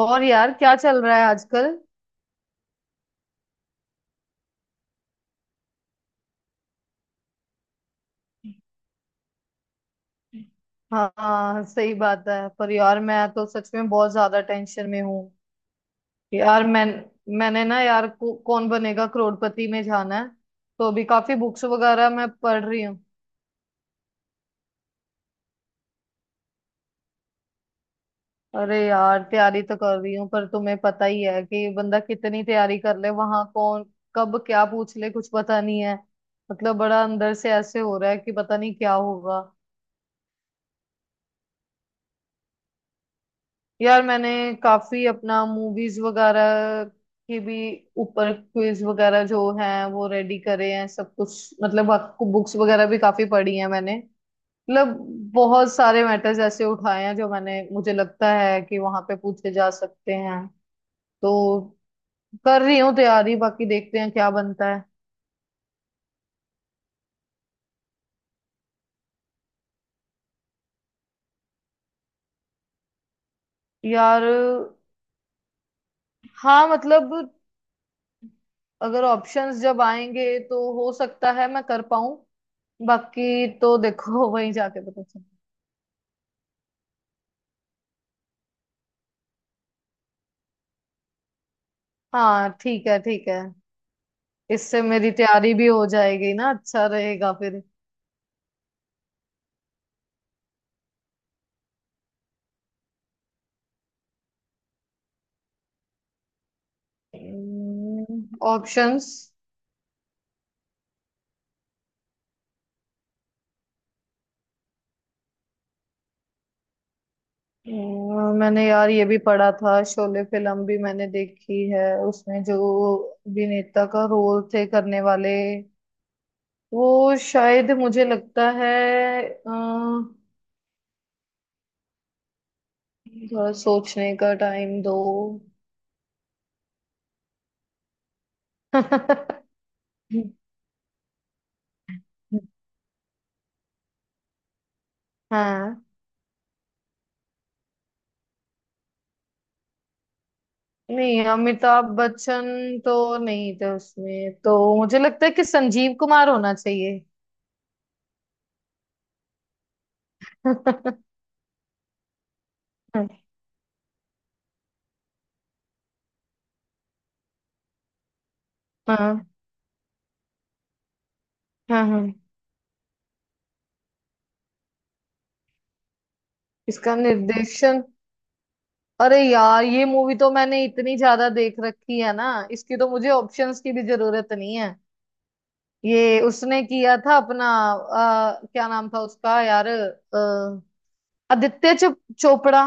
और यार क्या चल रहा है आजकल? हाँ हाँ, सही बात है। पर यार मैं तो सच में बहुत ज्यादा टेंशन में हूँ। यार मैं मैंने ना यार को, कौन बनेगा करोड़पति में जाना है। तो अभी काफी बुक्स वगैरह मैं पढ़ रही हूँ। अरे यार तैयारी तो कर रही हूँ पर तुम्हें पता ही है कि बंदा कितनी तैयारी कर ले, वहां कौन कब क्या पूछ ले कुछ पता नहीं है। मतलब बड़ा अंदर से ऐसे हो रहा है कि पता नहीं क्या होगा। यार मैंने काफी अपना मूवीज वगैरह के भी ऊपर क्विज वगैरह जो है वो रेडी करे हैं सब कुछ, मतलब आपको बुक्स वगैरह भी काफी पढ़ी हैं मैंने। मतलब बहुत सारे मैटर्स ऐसे उठाए हैं जो मैंने मुझे लगता है कि वहां पे पूछे जा सकते हैं। तो कर रही हूँ तैयारी, बाकी देखते हैं क्या बनता है। यार, हाँ मतलब अगर ऑप्शंस जब आएंगे तो हो सकता है मैं कर पाऊं। बाकी तो देखो वहीं जाके पता चलेगा। हाँ ठीक है ठीक है। इससे मेरी तैयारी भी हो जाएगी ना, अच्छा रहेगा फिर। ऑप्शंस। मैंने यार ये भी पढ़ा था, शोले फिल्म भी मैंने देखी है उसमें जो अभिनेता का रोल थे करने वाले वो शायद मुझे लगता है, अ, थोड़ा सोचने का टाइम दो। हाँ, नहीं अमिताभ बच्चन तो नहीं थे उसमें, तो मुझे लगता है कि संजीव कुमार होना चाहिए। हाँ हाँ। हाँ। इसका निर्देशन। अरे यार ये मूवी तो मैंने इतनी ज्यादा देख रखी है ना, इसकी तो मुझे ऑप्शंस की भी जरूरत नहीं है। ये उसने किया था अपना, क्या नाम था उसका यार, आदित्य चोपड़ा।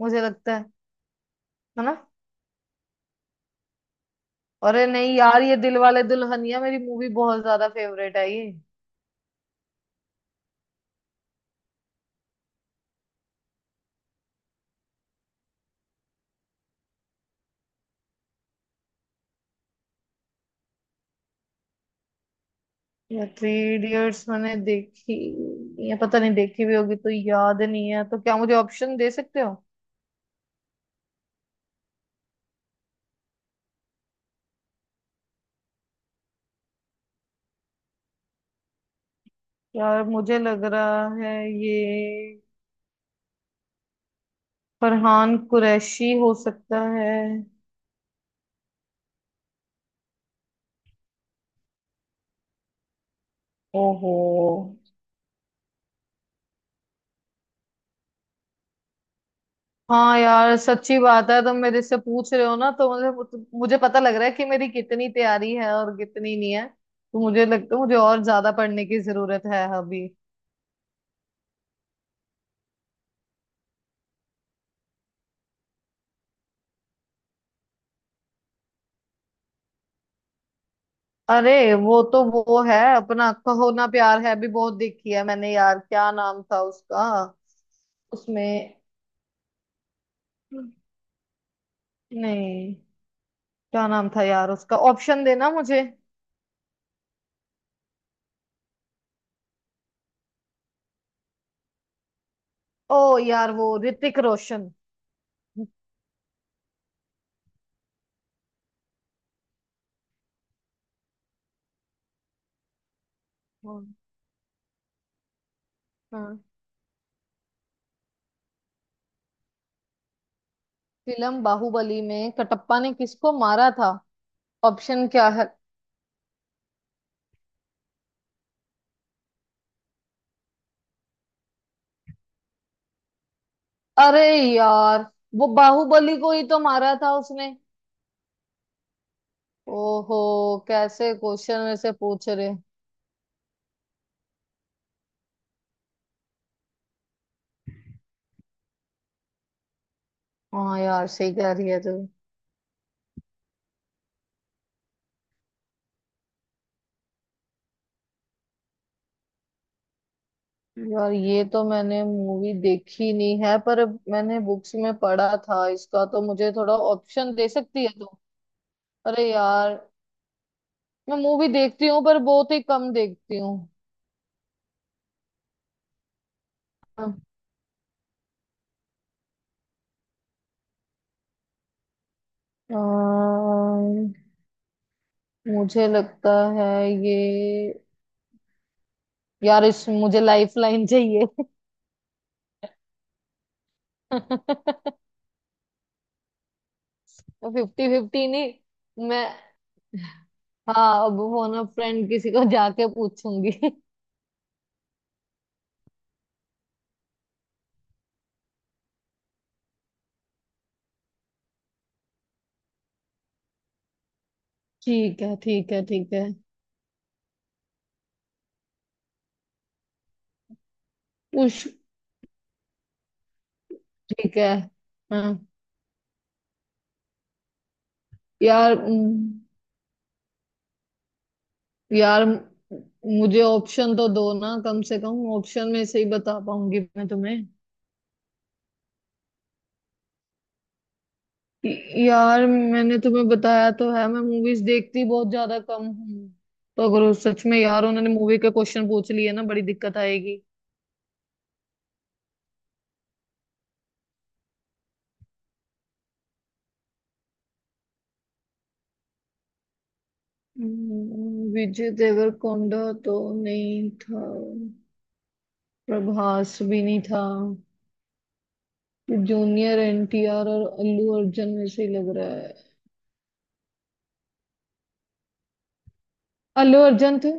मुझे लगता है ना? अरे नहीं यार, ये दिल वाले दुल्हनिया मेरी मूवी बहुत ज्यादा फेवरेट है ये। या थ्री इडियट्स मैंने देखी, या पता नहीं देखी भी होगी तो याद नहीं है, तो क्या मुझे ऑप्शन दे सकते हो? यार मुझे लग रहा है ये फरहान कुरैशी हो सकता है। ओहो। हाँ यार सच्ची बात है, तुम मेरे से पूछ रहे हो ना, तो मुझे मुझे पता लग रहा है कि मेरी कितनी तैयारी है और कितनी नहीं है। तो मुझे लगता है मुझे और ज्यादा पढ़ने की जरूरत है अभी। अरे वो तो वो है अपना, कहो ना प्यार है, भी बहुत देखी है मैंने यार, क्या नाम था उसका? उसमें? नहीं, क्या नाम था यार उसका? ऑप्शन देना मुझे। ओ यार वो ऋतिक रोशन। हाँ हाँ। फिल्म बाहुबली में कटप्पा ने किसको मारा था? ऑप्शन क्या है? अरे यार वो बाहुबली को ही तो मारा था उसने। ओहो। कैसे क्वेश्चन में से पूछ रहे। हाँ यार सही कह रही है तू। यार ये तो मैंने मूवी देखी नहीं है, पर मैंने बुक्स में पढ़ा था इसका, तो मुझे थोड़ा ऑप्शन दे सकती है तो। अरे यार मैं मूवी देखती हूँ पर बहुत ही कम देखती हूँ। अम्म, मुझे लगता है ये, यार इस मुझे लाइफ लाइन चाहिए। फिफ्टी। फिफ्टी नहीं, मैं। हाँ अब फोन अ फ्रेंड किसी को जाके पूछूंगी। ठीक है ठीक है ठीक है। पूछ। ठीक है। हाँ यार, यार म, मुझे ऑप्शन तो दो ना, कम से कम ऑप्शन में से ही बता पाऊंगी मैं तुम्हें। यार मैंने तुम्हें बताया तो है, मैं मूवीज देखती बहुत ज्यादा कम हूँ। तो अगर उस सच में यार उन्होंने मूवी के क्वेश्चन पूछ लिए ना बड़ी दिक्कत आएगी। विजय देवरकोंडा तो नहीं था, प्रभास भी नहीं था, जूनियर एनटीआर और अल्लू अर्जुन में से ही लग रहा है। अल्लू अर्जुन थे।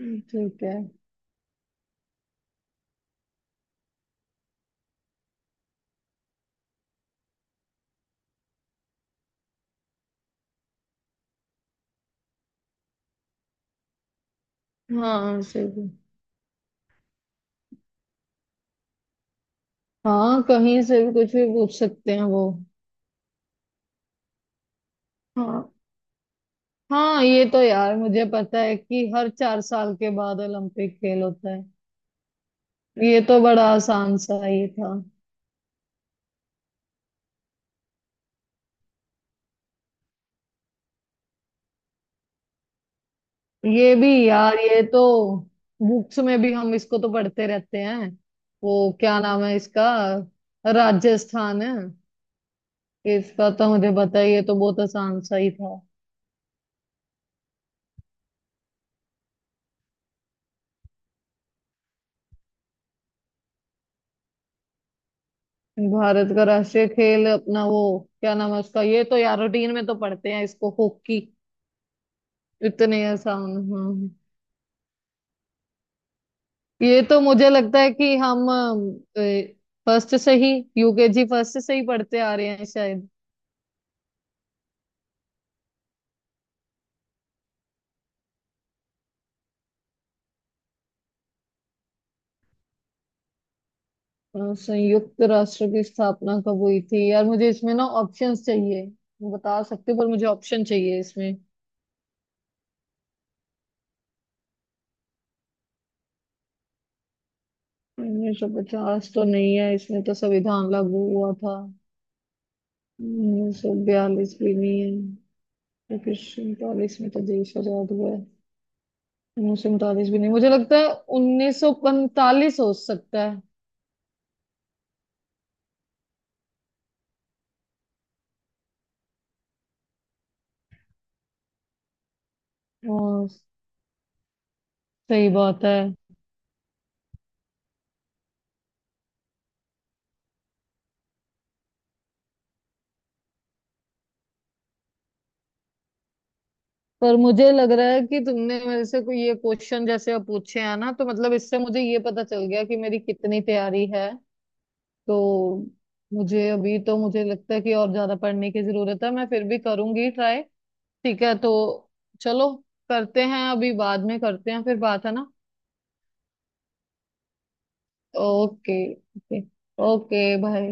ठीक है। हाँ सही है। हाँ कहीं से भी कुछ भी पूछ सकते हैं वो। हाँ हाँ, ये तो यार मुझे पता है कि हर 4 साल के बाद ओलंपिक खेल होता है। ये तो बड़ा आसान सा ये था। ये भी यार, ये तो बुक्स में भी हम इसको तो पढ़ते रहते हैं। वो क्या नाम है इसका? राजस्थान है। इसका तो मुझे पता है, ये तो बहुत आसान सा ही था। भारत का राष्ट्रीय खेल अपना वो क्या नाम है उसका, ये तो यार रूटीन में तो पढ़ते हैं इसको, हॉकी। इतने आसान। हाँ, ये तो मुझे लगता है कि हम फर्स्ट से ही, UKG फर्स्ट से ही पढ़ते आ रहे हैं शायद। अ, संयुक्त राष्ट्र की स्थापना कब हुई थी, यार मुझे इसमें ना ऑप्शंस चाहिए। बता सकते हो, पर मुझे ऑप्शन चाहिए इसमें। 1950 तो नहीं है, इसमें तो संविधान लागू हुआ था। 1942 भी नहीं है। 1939 में तो देश आजाद हुआ है। 1939 भी नहीं मुझे लगता है। 1945 हो सकता है। सही बात है। पर मुझे लग रहा है कि तुमने मेरे से कोई ये क्वेश्चन जैसे अब पूछे हैं ना, तो मतलब इससे मुझे ये पता चल गया कि मेरी कितनी तैयारी है। तो मुझे अभी तो मुझे लगता है कि और ज्यादा पढ़ने की जरूरत है, मैं फिर भी करूंगी ट्राई। ठीक है तो चलो, करते हैं अभी, बाद में करते हैं फिर, बात है ना। Okay okay. ओके भाई।